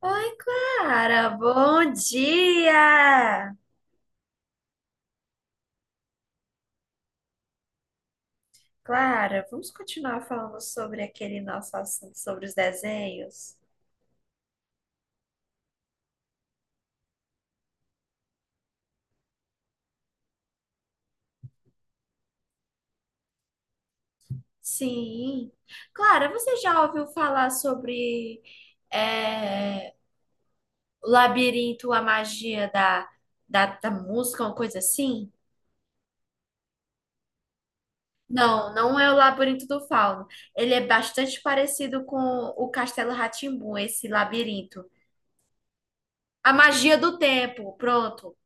Oi, Clara, bom dia! Clara, vamos continuar falando sobre aquele nosso assunto sobre os desenhos? Sim. Clara, você já ouviu falar sobre é, o labirinto, a magia da música, uma coisa assim? Não, não é o Labirinto do Fauno. Ele é bastante parecido com o Castelo rá, esse labirinto. A magia do tempo, pronto.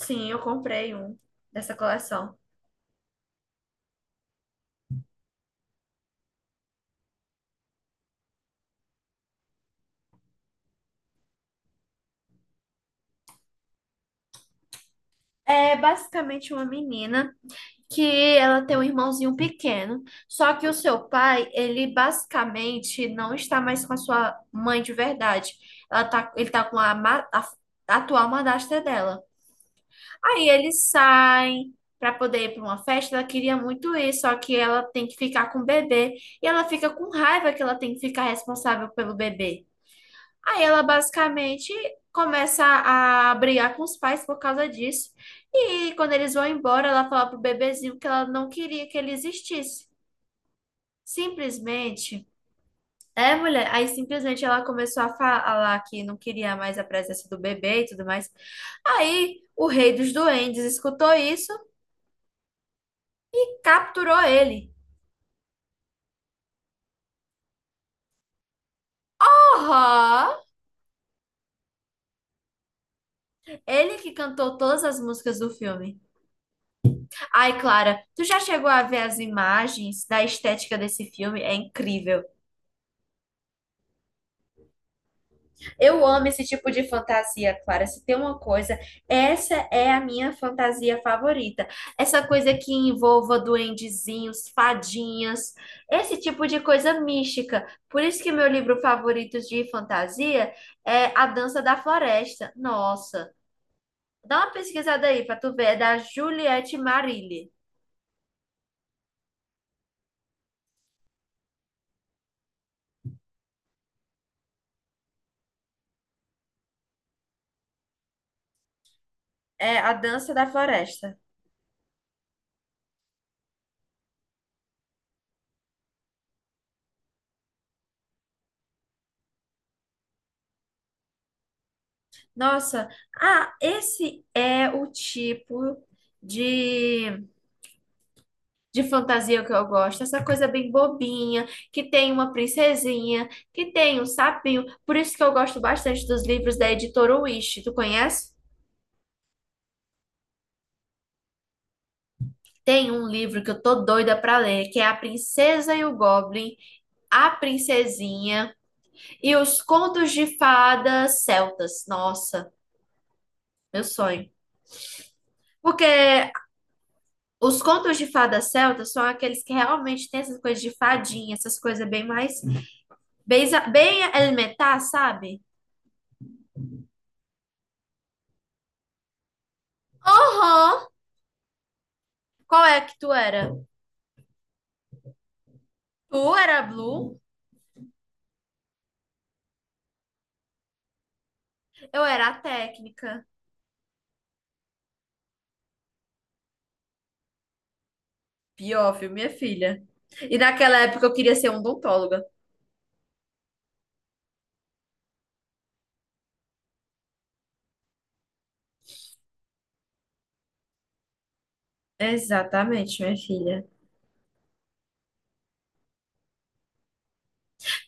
Sim, eu comprei um dessa coleção. É basicamente uma menina que ela tem um irmãozinho pequeno, só que o seu pai, ele basicamente não está mais com a sua mãe de verdade. Ela tá, ele tá com a atual madrasta dela. Aí eles saem para poder ir para uma festa, ela queria muito ir, só que ela tem que ficar com o bebê e ela fica com raiva que ela tem que ficar responsável pelo bebê. Aí ela basicamente começa a brigar com os pais por causa disso. E quando eles vão embora, ela fala pro bebezinho que ela não queria que ele existisse. Simplesmente. É, mulher. Aí simplesmente ela começou a falar que não queria mais a presença do bebê e tudo mais. Aí o rei dos duendes escutou isso e capturou ele. Porra! Ele que cantou todas as músicas do filme. Ai, Clara, tu já chegou a ver as imagens da estética desse filme? É incrível. Eu amo esse tipo de fantasia, Clara. Se tem uma coisa, essa é a minha fantasia favorita. Essa coisa que envolva duendezinhos, fadinhas, esse tipo de coisa mística. Por isso que meu livro favorito de fantasia é A Dança da Floresta. Nossa, dá uma pesquisada aí para tu ver, é da Juliette Marilli. É A Dança da Floresta. Nossa, ah, esse é o tipo de de fantasia que eu gosto, essa coisa bem bobinha, que tem uma princesinha, que tem um sapinho. Por isso que eu gosto bastante dos livros da editora Wish. Tu conhece? Tem um livro que eu tô doida pra ler, que é A Princesa e o Goblin, A Princesinha e os Contos de Fadas Celtas. Nossa, meu sonho. Porque os contos de fadas celtas são aqueles que realmente têm essas coisas de fadinha, essas coisas bem mais. Bem, bem elementar, sabe? Aham. Qual é que tu era? Tu era a Blue, eu era a técnica. Pior, viu, minha filha. E naquela época eu queria ser odontóloga. Exatamente, minha filha.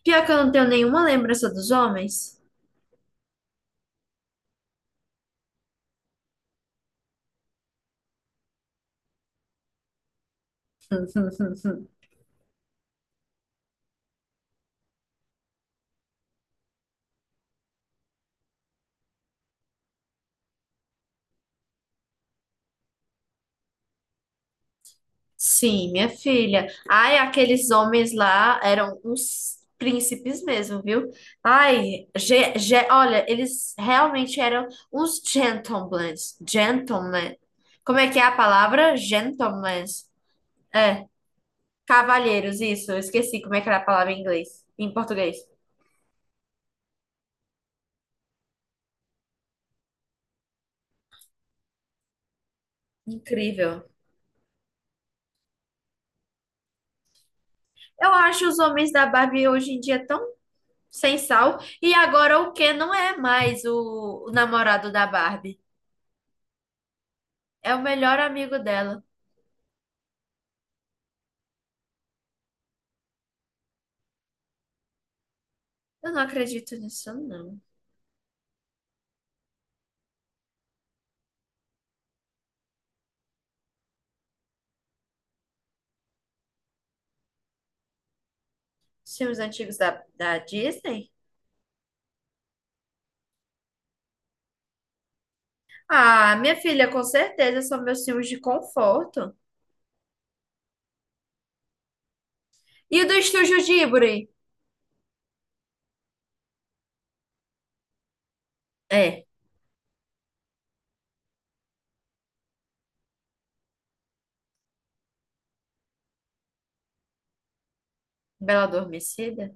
Pior que eu não tenho nenhuma lembrança dos homens. Sim, minha filha. Ai, aqueles homens lá eram uns príncipes mesmo, viu? Ai, olha, eles realmente eram uns gentlemen. Gentlemen. Como é que é a palavra? Gentlemen. É. Cavalheiros, isso. Eu esqueci como é que era a palavra em inglês, em português. Incrível. Eu acho os homens da Barbie hoje em dia tão sem sal. E agora o Ken não é mais o namorado da Barbie. É o melhor amigo dela. Eu não acredito nisso, não. Os filmes antigos da Disney? Ah, minha filha, com certeza são meus filmes de conforto. E o do Estúdio Ghibli? É, Bela Adormecida.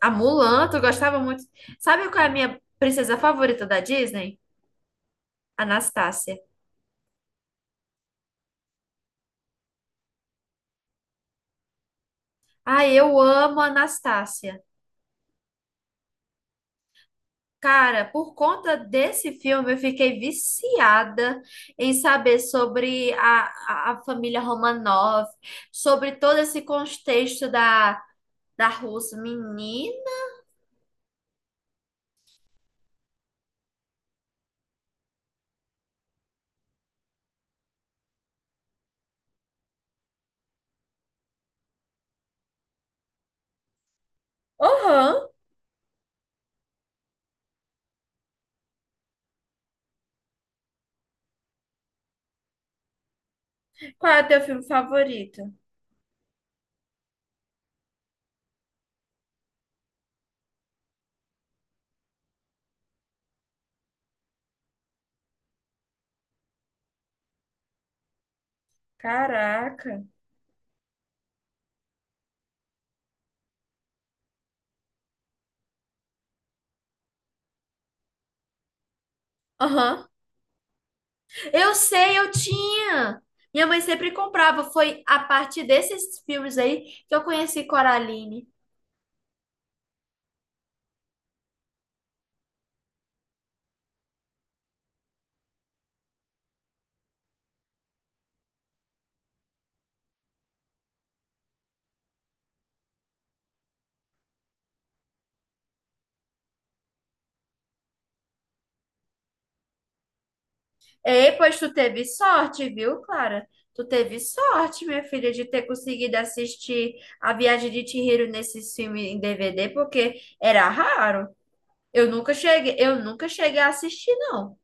A Mulan, tu gostava muito. Sabe qual é a minha princesa favorita da Disney? Anastácia. Ah, eu amo Anastácia. Cara, por conta desse filme, eu fiquei viciada em saber sobre a família Romanov, sobre todo esse contexto da Rússia. Menino? Aham. Qual é o teu filme favorito? Caraca. Aham. Eu sei, eu tinha. Minha mãe sempre comprava. Foi a partir desses filmes aí que eu conheci Coraline. Ei, pois tu teve sorte, viu, Clara? Tu teve sorte, minha filha, de ter conseguido assistir A Viagem de Chihiro nesse filme em DVD, porque era raro. Eu nunca cheguei a assistir, não.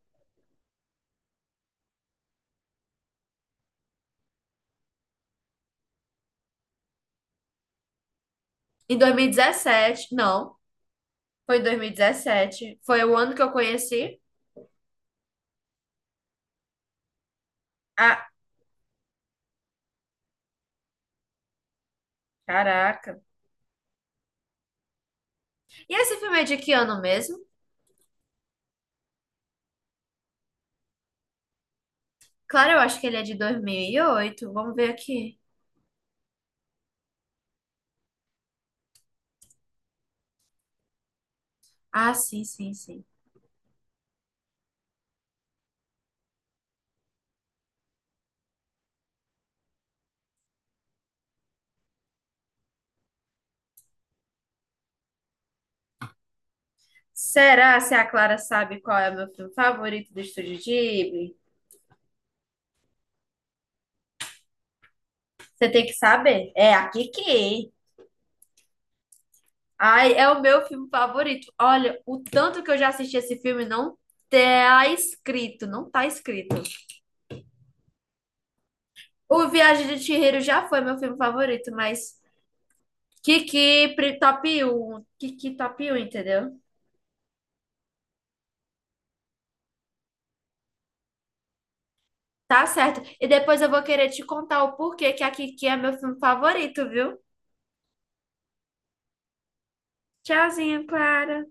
Em 2017, não, foi em 2017. Foi o ano que eu conheci. Ah, caraca. E esse filme é de que ano mesmo? Claro, eu acho que ele é de 2008. Vamos ver aqui. Ah, sim, sim, sim. Será se a Clara sabe qual é o meu filme favorito do Estúdio Ghibli? Você tem que saber. É a Kiki. Ai, é o meu filme favorito. Olha, o tanto que eu já assisti esse filme não tá escrito, não tá escrito. O Viagem de Chihiro já foi meu filme favorito, mas Kiki pri- top um, Kiki top um, entendeu? Tá certo. E depois eu vou querer te contar o porquê que a Kiki é meu filme favorito, viu? Tchauzinho, Clara.